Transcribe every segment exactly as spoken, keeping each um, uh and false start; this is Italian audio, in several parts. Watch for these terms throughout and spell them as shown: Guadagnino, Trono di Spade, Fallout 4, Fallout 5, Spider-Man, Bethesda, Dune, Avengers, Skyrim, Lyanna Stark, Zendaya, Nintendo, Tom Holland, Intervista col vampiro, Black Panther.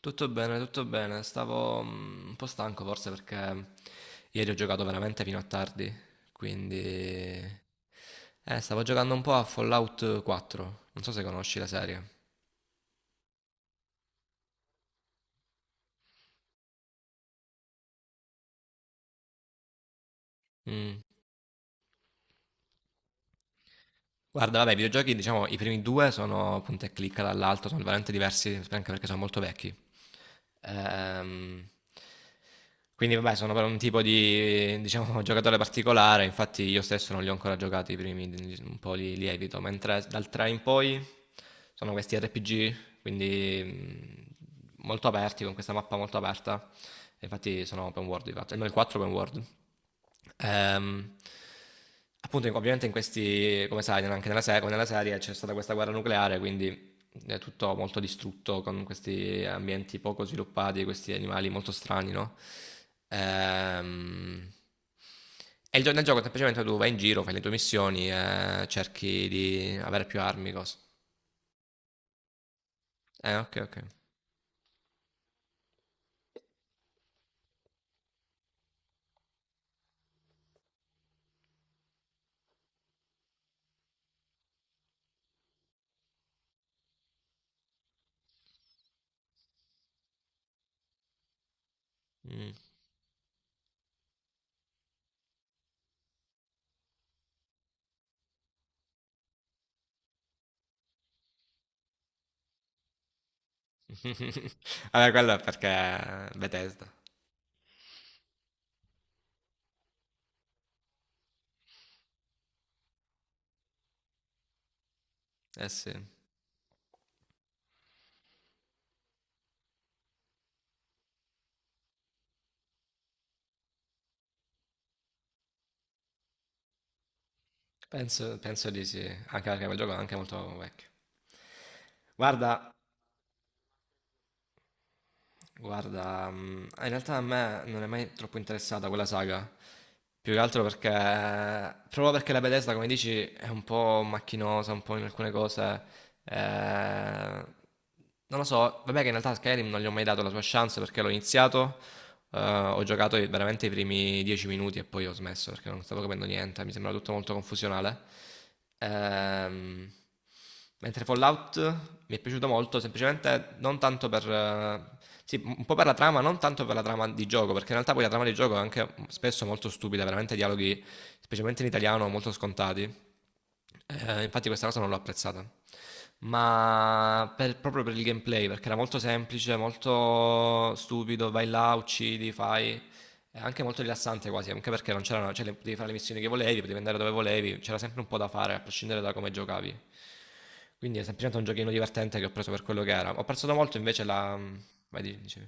Tutto bene, tutto bene. Stavo mm, un po' stanco forse perché ieri ho giocato veramente fino a tardi, quindi eh, stavo giocando un po' a Fallout quattro. Non so se conosci la serie. Mm. Guarda, vabbè, i videogiochi, diciamo, i primi due sono punta e clicca dall'alto, sono veramente diversi, anche perché sono molto vecchi. Ehm, quindi, vabbè, sono per un tipo di, diciamo, giocatore particolare. Infatti io stesso non li ho ancora giocati i primi, un po' li, li evito, mentre dal tre in poi sono questi R P G, quindi mh, molto aperti, con questa mappa molto aperta. Infatti sono open world di fatto, almeno il quattro open world. Ehm, Appunto, in- ovviamente in questi, come sai, anche nella, se- come nella serie c'è stata questa guerra nucleare, quindi è tutto molto distrutto, con questi ambienti poco sviluppati, questi animali molto strani, no? Ehm, e il gio- nel gioco semplicemente tu vai in giro, fai le tue missioni e cerchi di avere più armi, cose. Eh, ok, ok. Mm. Vabbè, quello è perché Bethesda. Eh sì, penso, penso di sì, anche perché quel gioco è anche molto vecchio. Guarda, Guarda, mm, in realtà a me non è mai troppo interessata quella saga, più che altro perché, proprio perché la Bethesda, come dici, è un po' macchinosa, un po' in alcune cose. eh, Non lo so, vabbè, che in realtà Skyrim non gli ho mai dato la sua chance, perché l'ho iniziato, eh, ho giocato i- veramente i primi dieci minuti e poi ho smesso perché non stavo capendo niente, mi sembrava tutto molto confusionale. Ehm, Mentre Fallout mi è piaciuto molto, semplicemente non tanto per... eh, Sì, un po' per la trama, non tanto per la trama di gioco, perché in realtà poi la trama di gioco è anche spesso molto stupida, veramente dialoghi, specialmente in italiano, molto scontati. Eh, infatti questa cosa non l'ho apprezzata. Ma per- proprio per il gameplay, perché era molto semplice, molto stupido, vai là, uccidi, fai... È anche molto rilassante quasi, anche perché non c'erano, cioè, le- potevi fare le missioni che volevi, potevi andare dove volevi, c'era sempre un po' da fare, a prescindere da come giocavi. Quindi è semplicemente un giochino divertente che ho preso per quello che era. Ho apprezzato molto invece la... mm, Vai, di- dicevi.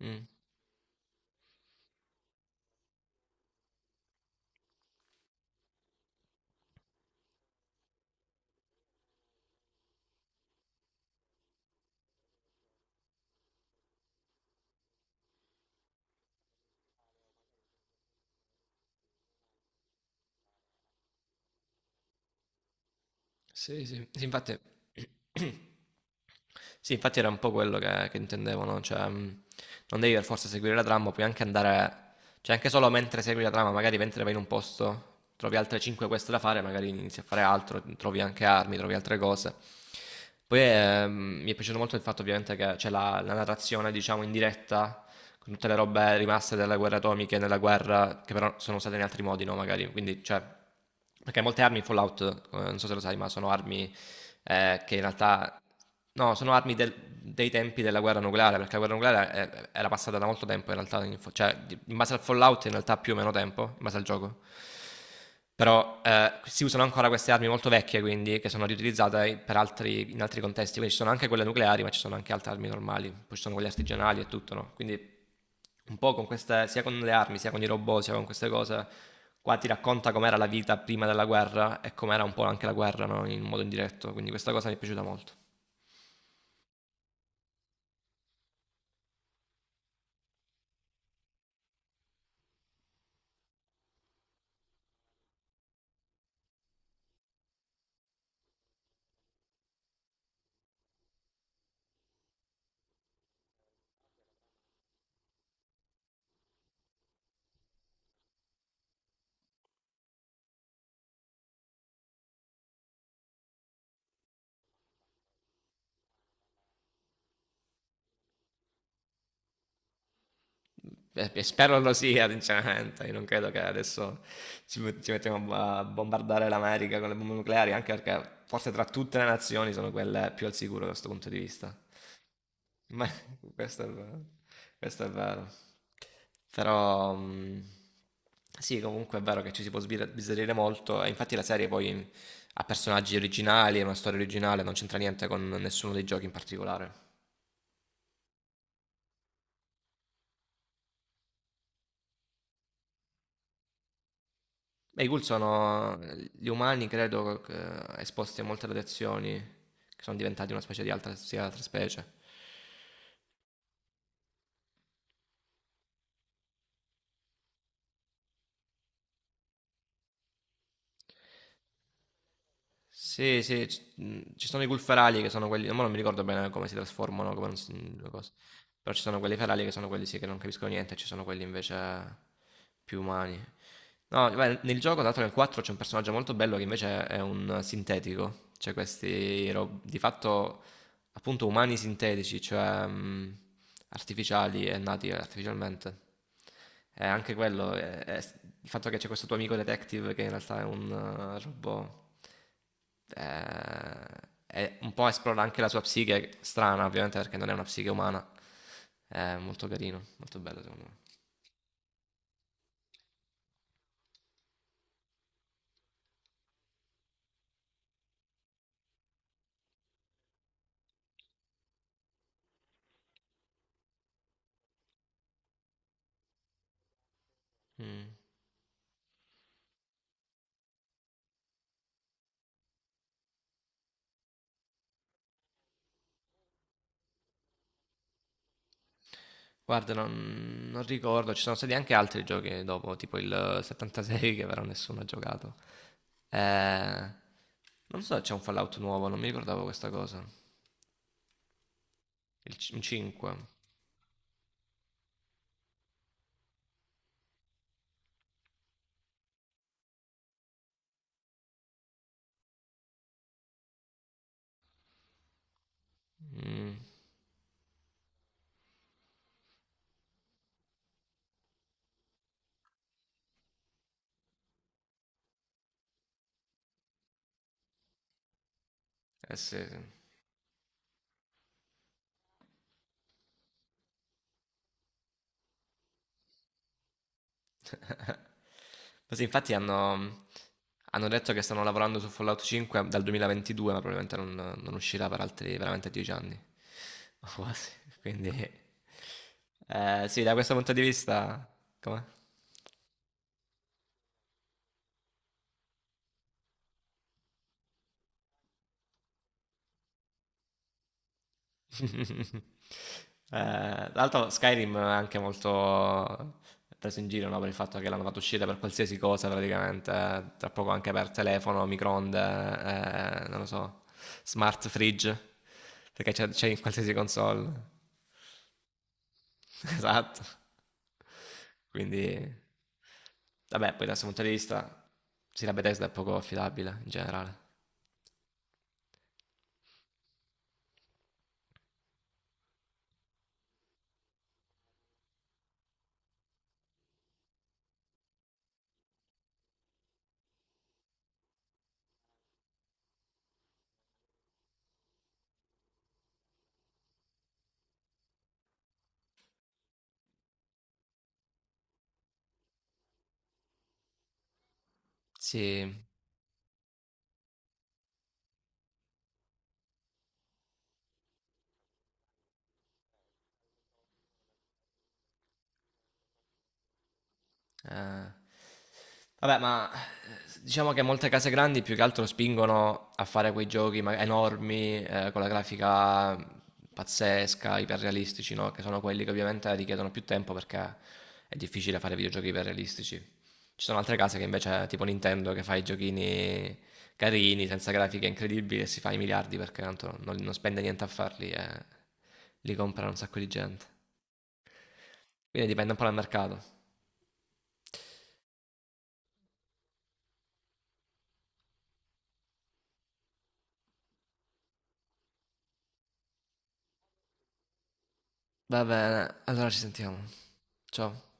Mm. Sì, sì, sì, infatti... Sì, infatti era un po' quello che, che intendevo, no? Cioè, mh, non devi per forza seguire la trama, puoi anche andare, cioè anche solo mentre segui la trama, magari mentre vai in un posto, trovi altre cinque quest da fare, magari inizi a fare altro, trovi anche armi, trovi altre cose. Poi ehm, mi è piaciuto molto il fatto ovviamente che c'è la, la narrazione, diciamo, in diretta, con tutte le robe rimaste delle guerre atomiche, nella guerra, che però sono usate in altri modi, no? Magari, quindi, cioè, perché molte armi in Fallout, eh, non so se lo sai, ma sono armi eh, che in realtà no, sono armi del- dei tempi della guerra nucleare, perché la guerra nucleare eh, era passata da molto tempo in realtà, in fo- cioè di- in base al Fallout in realtà più o meno tempo, in base al gioco. Però eh, si usano ancora queste armi molto vecchie, quindi, che sono riutilizzate per altri- in altri contesti. Quindi ci sono anche quelle nucleari, ma ci sono anche altre armi normali, poi ci sono quelle artigianali e tutto, no? Quindi un po' con queste, sia con le armi, sia con i robot, sia con queste cose, qua ti racconta com'era la vita prima della guerra e com'era un po' anche la guerra, no, in modo indiretto. Quindi questa cosa mi è piaciuta molto. Eh, E spero lo sia, sinceramente. Io non credo che adesso ci, met- ci mettiamo a bombardare l'America con le bombe nucleari, anche perché forse tra tutte le nazioni sono quelle più al sicuro da questo punto di vista. Ma questo è vero. Questo è vero. Però mh, sì, comunque è vero che ci si può sbir- sbizzarrire molto, e infatti la serie poi ha personaggi originali, è una storia originale, non c'entra niente con nessuno dei giochi in particolare. Beh, i ghoul sono gli umani, credo, che- esposti a molte radiazioni, che sono diventati una specie di altra, sia altra specie. Sì, sì, c- mh, ci sono i ghoul ferali che sono quelli, ma non mi ricordo bene come si trasformano, come non si- le cose. Però ci sono quelli ferali, che sono quelli sì, che non capiscono niente, e ci sono quelli invece più umani. No, beh, nel gioco, tra l'altro nel quattro c'è un personaggio molto bello che invece è un sintetico, cioè questi ro- di fatto appunto umani sintetici, cioè mh, artificiali e nati artificialmente. E anche quello, è- è- il fatto che c'è questo tuo amico detective che in realtà è un eh, robot, eh, è un po' esplora anche la sua psiche, strana ovviamente perché non è una psiche umana. È molto carino, molto bello secondo me. Mm. Guarda, non, non ricordo, ci sono stati anche altri giochi dopo, tipo il settantasei, che però nessuno ha giocato. Eh, non so, c'è un Fallout nuovo, non mi ricordavo questa cosa. Il, c- un cinque. Mm, eh sì, sì. Ma sì, infatti hanno, hanno detto che stanno lavorando su Fallout cinque dal duemilaventidue, ma probabilmente non, non uscirà per altri veramente dieci anni. O quasi. Quindi, eh, sì, da questo punto di vista, com'è? Eh, tra l'altro Skyrim è anche molto preso in giro, no, per il fatto che l'hanno fatto uscire per qualsiasi cosa praticamente, eh, tra poco anche per telefono, microonde, eh, non lo so, smart fridge, perché c'è, c'è in qualsiasi console. Esatto. Quindi, vabbè, poi da questo punto di vista, sì, la Bethesda è poco affidabile in generale. Sì, eh, vabbè, ma diciamo che molte case grandi più che altro spingono a fare quei giochi ma- enormi, eh, con la grafica pazzesca, iperrealistici, no? Che sono quelli che ovviamente richiedono più tempo, perché è difficile fare videogiochi iperrealistici. Ci sono altre case che invece, tipo Nintendo, che fa i giochini carini, senza grafiche incredibili, e si fa i miliardi perché tanto non, non spende niente a farli, e li compra un sacco di gente. Quindi dipende un po' dal mercato. Va bene, allora ci sentiamo. Ciao.